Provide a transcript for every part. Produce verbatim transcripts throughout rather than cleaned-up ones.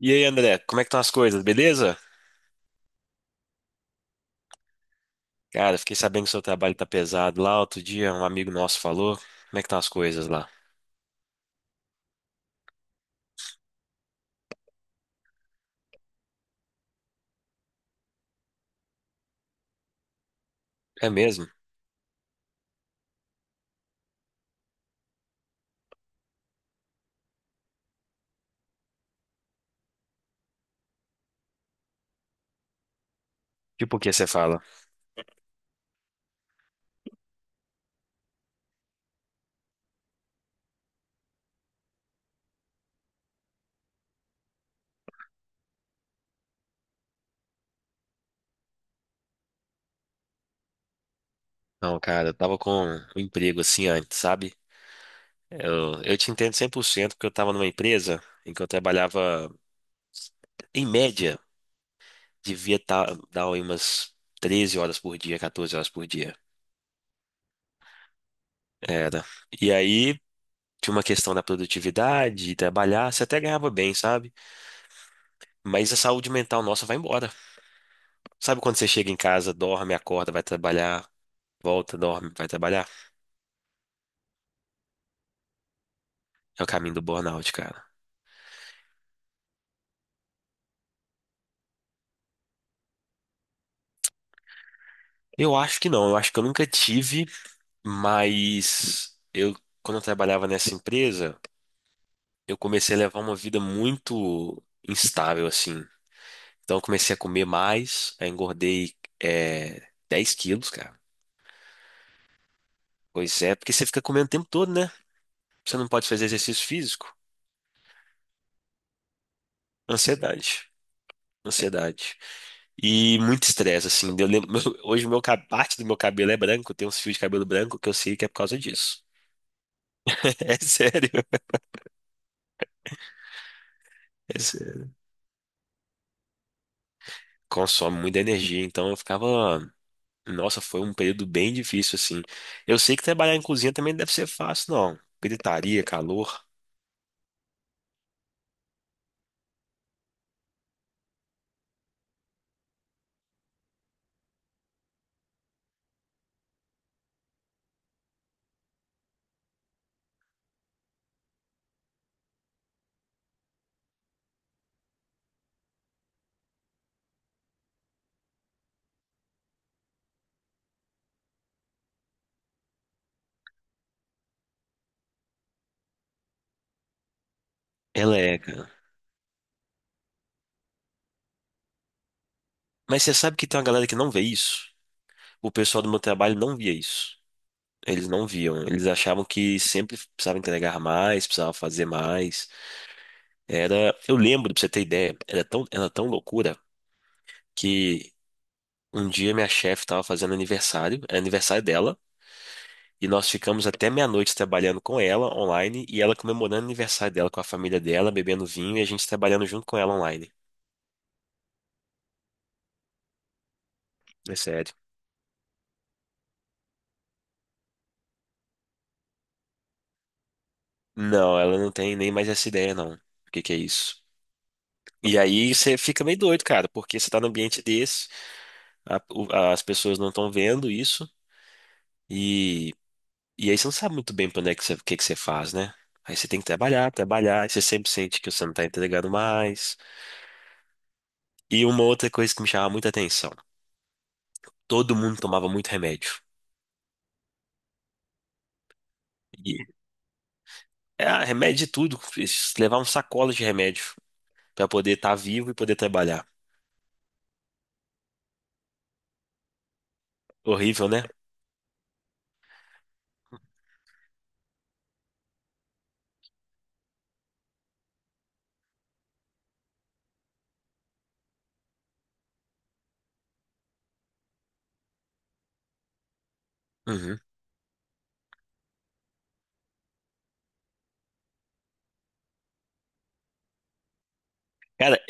E aí, André, como é que estão as coisas, beleza? Cara, fiquei sabendo que seu trabalho tá pesado lá. Outro dia, um amigo nosso falou. Como é que estão as coisas lá? É mesmo? Tipo, o que você fala? Não, cara, eu tava com um emprego assim antes, sabe? Eu, eu te entendo cem por cento porque eu tava numa empresa em que eu trabalhava, em média, devia tá, dar aí umas treze horas por dia, quatorze horas por dia. Era. E aí, tinha uma questão da produtividade, de trabalhar, você até ganhava bem, sabe? Mas a saúde mental nossa vai embora. Sabe quando você chega em casa, dorme, acorda, vai trabalhar, volta, dorme, vai trabalhar? É o caminho do burnout, cara. Eu acho que não, eu acho que eu nunca tive, mas eu, quando eu trabalhava nessa empresa, eu comecei a levar uma vida muito instável, assim. Então eu comecei a comer mais, aí engordei é, dez quilos, cara. Pois é, porque você fica comendo o tempo todo, né? Você não pode fazer exercício físico. Ansiedade. Ansiedade. E muito estresse, assim. Eu lembro, meu- hoje meu, cab- parte do meu cabelo é branco, eu tenho uns fios de cabelo branco que eu sei que é por causa disso. É sério. É sério. Consome muita energia, então eu ficava. Nossa, foi um período bem difícil, assim. Eu sei que trabalhar em cozinha também não deve ser fácil, não. Gritaria, calor. Ela é, cara. Mas você sabe que tem uma galera que não vê isso? O pessoal do meu trabalho não via isso. Eles não viam. Eles achavam que sempre precisava entregar mais, precisava fazer mais. Era, eu lembro, pra você ter ideia, era tão, era tão loucura que um dia minha chefe estava fazendo aniversário, era aniversário dela, e nós ficamos até meia-noite trabalhando com ela online e ela comemorando o aniversário dela com a família dela, bebendo vinho e a gente trabalhando junto com ela online. É sério. Não, ela não tem nem mais essa ideia, não. O que que é isso? E aí você fica meio doido, cara, porque você tá num ambiente desse. A- o- as pessoas não estão vendo isso, e, e aí você não sabe muito bem para onde é que você, o que que você faz, né? Aí você tem que trabalhar, trabalhar, e você sempre sente que você não tá entregando mais. E uma outra coisa que me chamava muita atenção: todo mundo tomava muito remédio. E, é, ah, remédio de tudo, levar um sacola de remédio para poder estar vivo e poder trabalhar. Horrível, né? Uhum. Cara,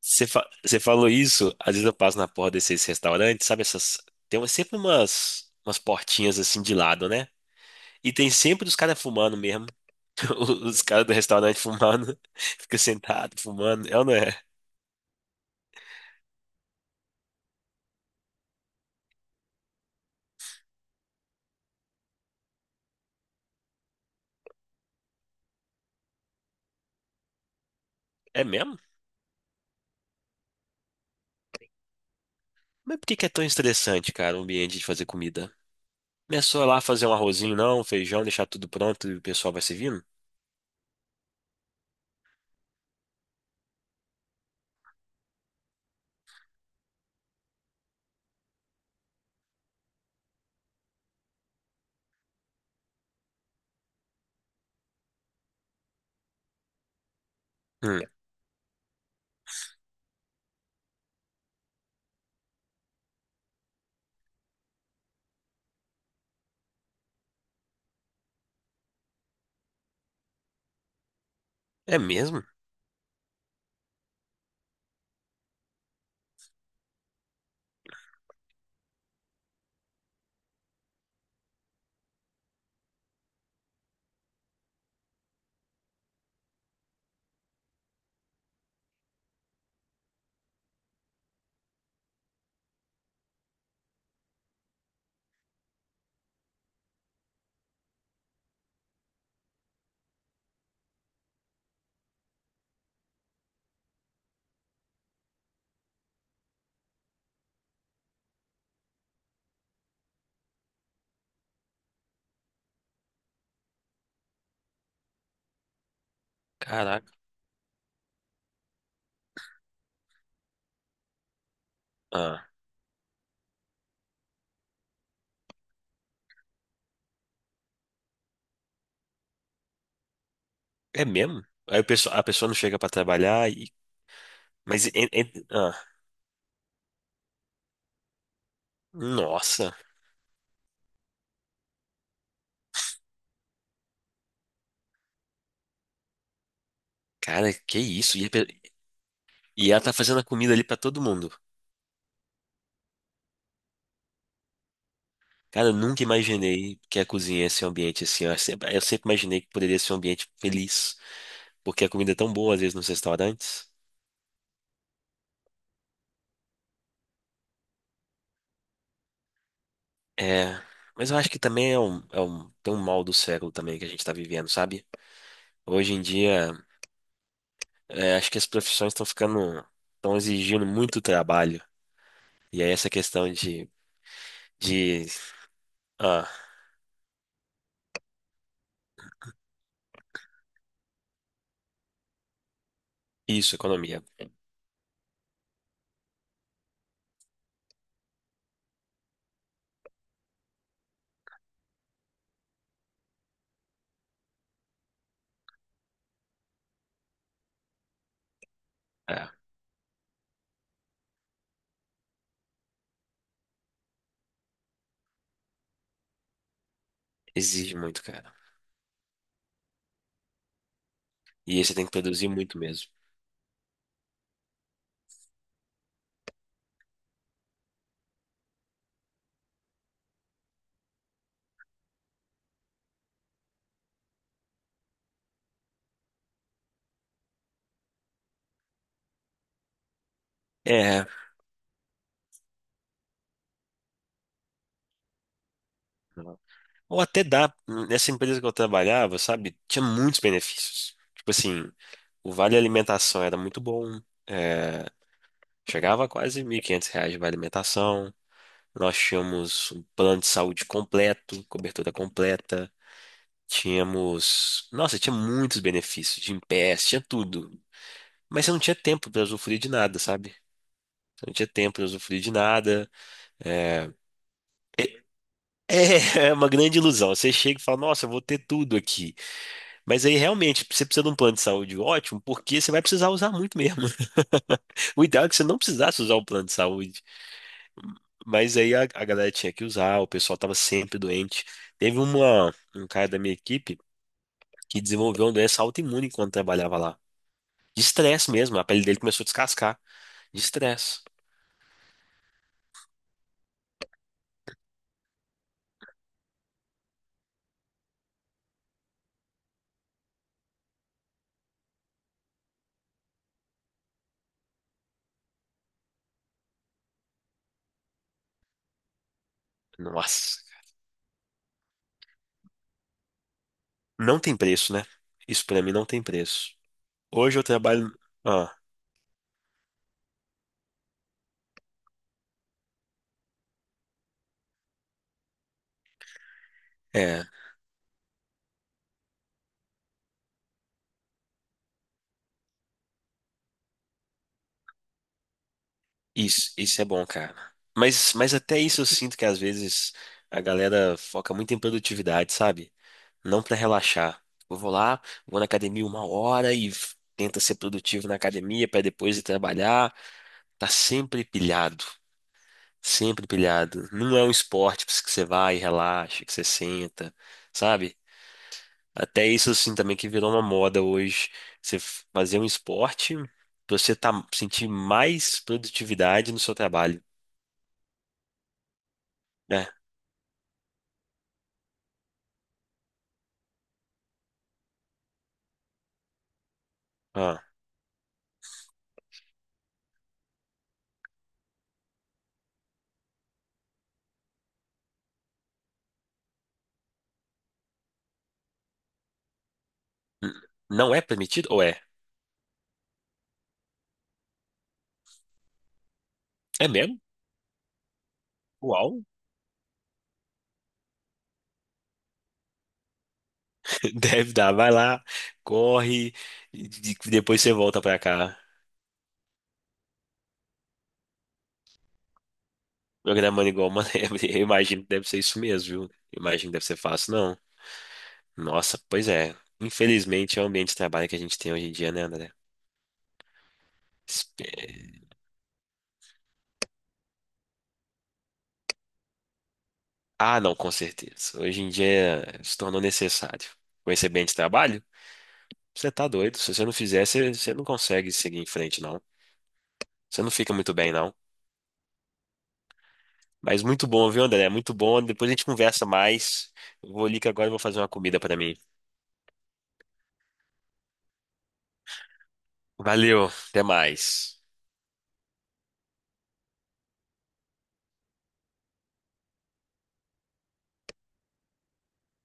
você fa- você falou isso, às vezes eu passo na porta desses restaurantes, sabe essas. Tem uma- sempre umas, umas portinhas assim de lado, né? E tem sempre os caras fumando mesmo. Os caras do restaurante fumando. Fica sentado, fumando. É ou não é? É mesmo? Mas por que que é tão estressante, cara, o ambiente de fazer comida? Não é só lá fazer um arrozinho, não, um feijão, deixar tudo pronto e o pessoal vai servindo? Hum, é mesmo? Caraca. Ah, é mesmo? Aí o pessoal, a pessoa não chega pra trabalhar e. Mas. en- en- ah, nossa, cara, que isso? E, a pe- e ela tá fazendo a comida ali pra todo mundo. Cara, eu nunca imaginei que a cozinha ia ser um ambiente assim. Eu sempre, eu sempre imaginei que poderia ser um ambiente feliz, porque a comida é tão boa às vezes nos restaurantes. É, mas eu acho que também é um, é um, tem um mal do século também que a gente tá vivendo, sabe? Hoje em dia, é, acho que as profissões estão ficando, estão exigindo muito trabalho. E aí essa questão de, de, ah, isso, economia. É, exige muito, cara. E aí você tem que produzir muito mesmo. É. Ou até dá, nessa empresa que eu trabalhava, sabe, tinha muitos benefícios. Tipo assim, o vale alimentação era muito bom, é, chegava a quase mil e quinhentos reais de vale alimentação. Nós tínhamos um plano de saúde completo, cobertura completa. Tínhamos, nossa, tinha muitos benefícios, de P S, tinha tudo. Mas você não tinha tempo para usufruir de nada, sabe? Você não tinha tempo para usufruir de nada. É, é uma grande ilusão. Você chega e fala, nossa, eu vou ter tudo aqui. Mas aí realmente você precisa de um plano de saúde ótimo, porque você vai precisar usar muito mesmo. O ideal é que você não precisasse usar o plano de saúde. Mas aí a, a galera tinha que usar, o pessoal estava sempre doente. Teve uma, um cara da minha equipe que desenvolveu uma doença autoimune enquanto trabalhava lá. De estresse mesmo, a pele dele começou a descascar. De estresse. Nossa. Não tem preço, né? Isso pra mim não tem preço. Hoje eu trabalho. Ah, é, Isso, isso é bom, cara. Mas, mas até isso eu sinto que às vezes a galera foca muito em produtividade, sabe? Não pra relaxar. Eu vou lá, vou na academia uma hora e f- tenta ser produtivo na academia pra depois ir trabalhar. Tá sempre pilhado, sempre pilhado. Não é um esporte que você vai e relaxa, que você senta, sabe? Até isso assim também que virou uma moda hoje. Você f- fazer um esporte pra você tá, sentir mais produtividade no seu trabalho, né? N- Não é permitido? Ou é? É mesmo? Uau! Deve dar. Vai lá, corre, e de- depois você volta pra cá. Programando igual uma lebre. Eu imagino que deve ser isso mesmo, viu? Eu imagino que deve ser fácil, não. Nossa, pois é. Infelizmente é o ambiente de trabalho que a gente tem hoje em dia, né, André? Espe- Ah, não, com certeza. Hoje em dia se tornou necessário. Com esse ambiente de trabalho, você tá doido. Se você não fizer, você, você não consegue seguir em frente, não. Você não fica muito bem, não. Mas muito bom, viu, André? Muito bom. Depois a gente conversa mais. Eu vou ali que agora eu vou fazer uma comida pra mim. Valeu, até mais.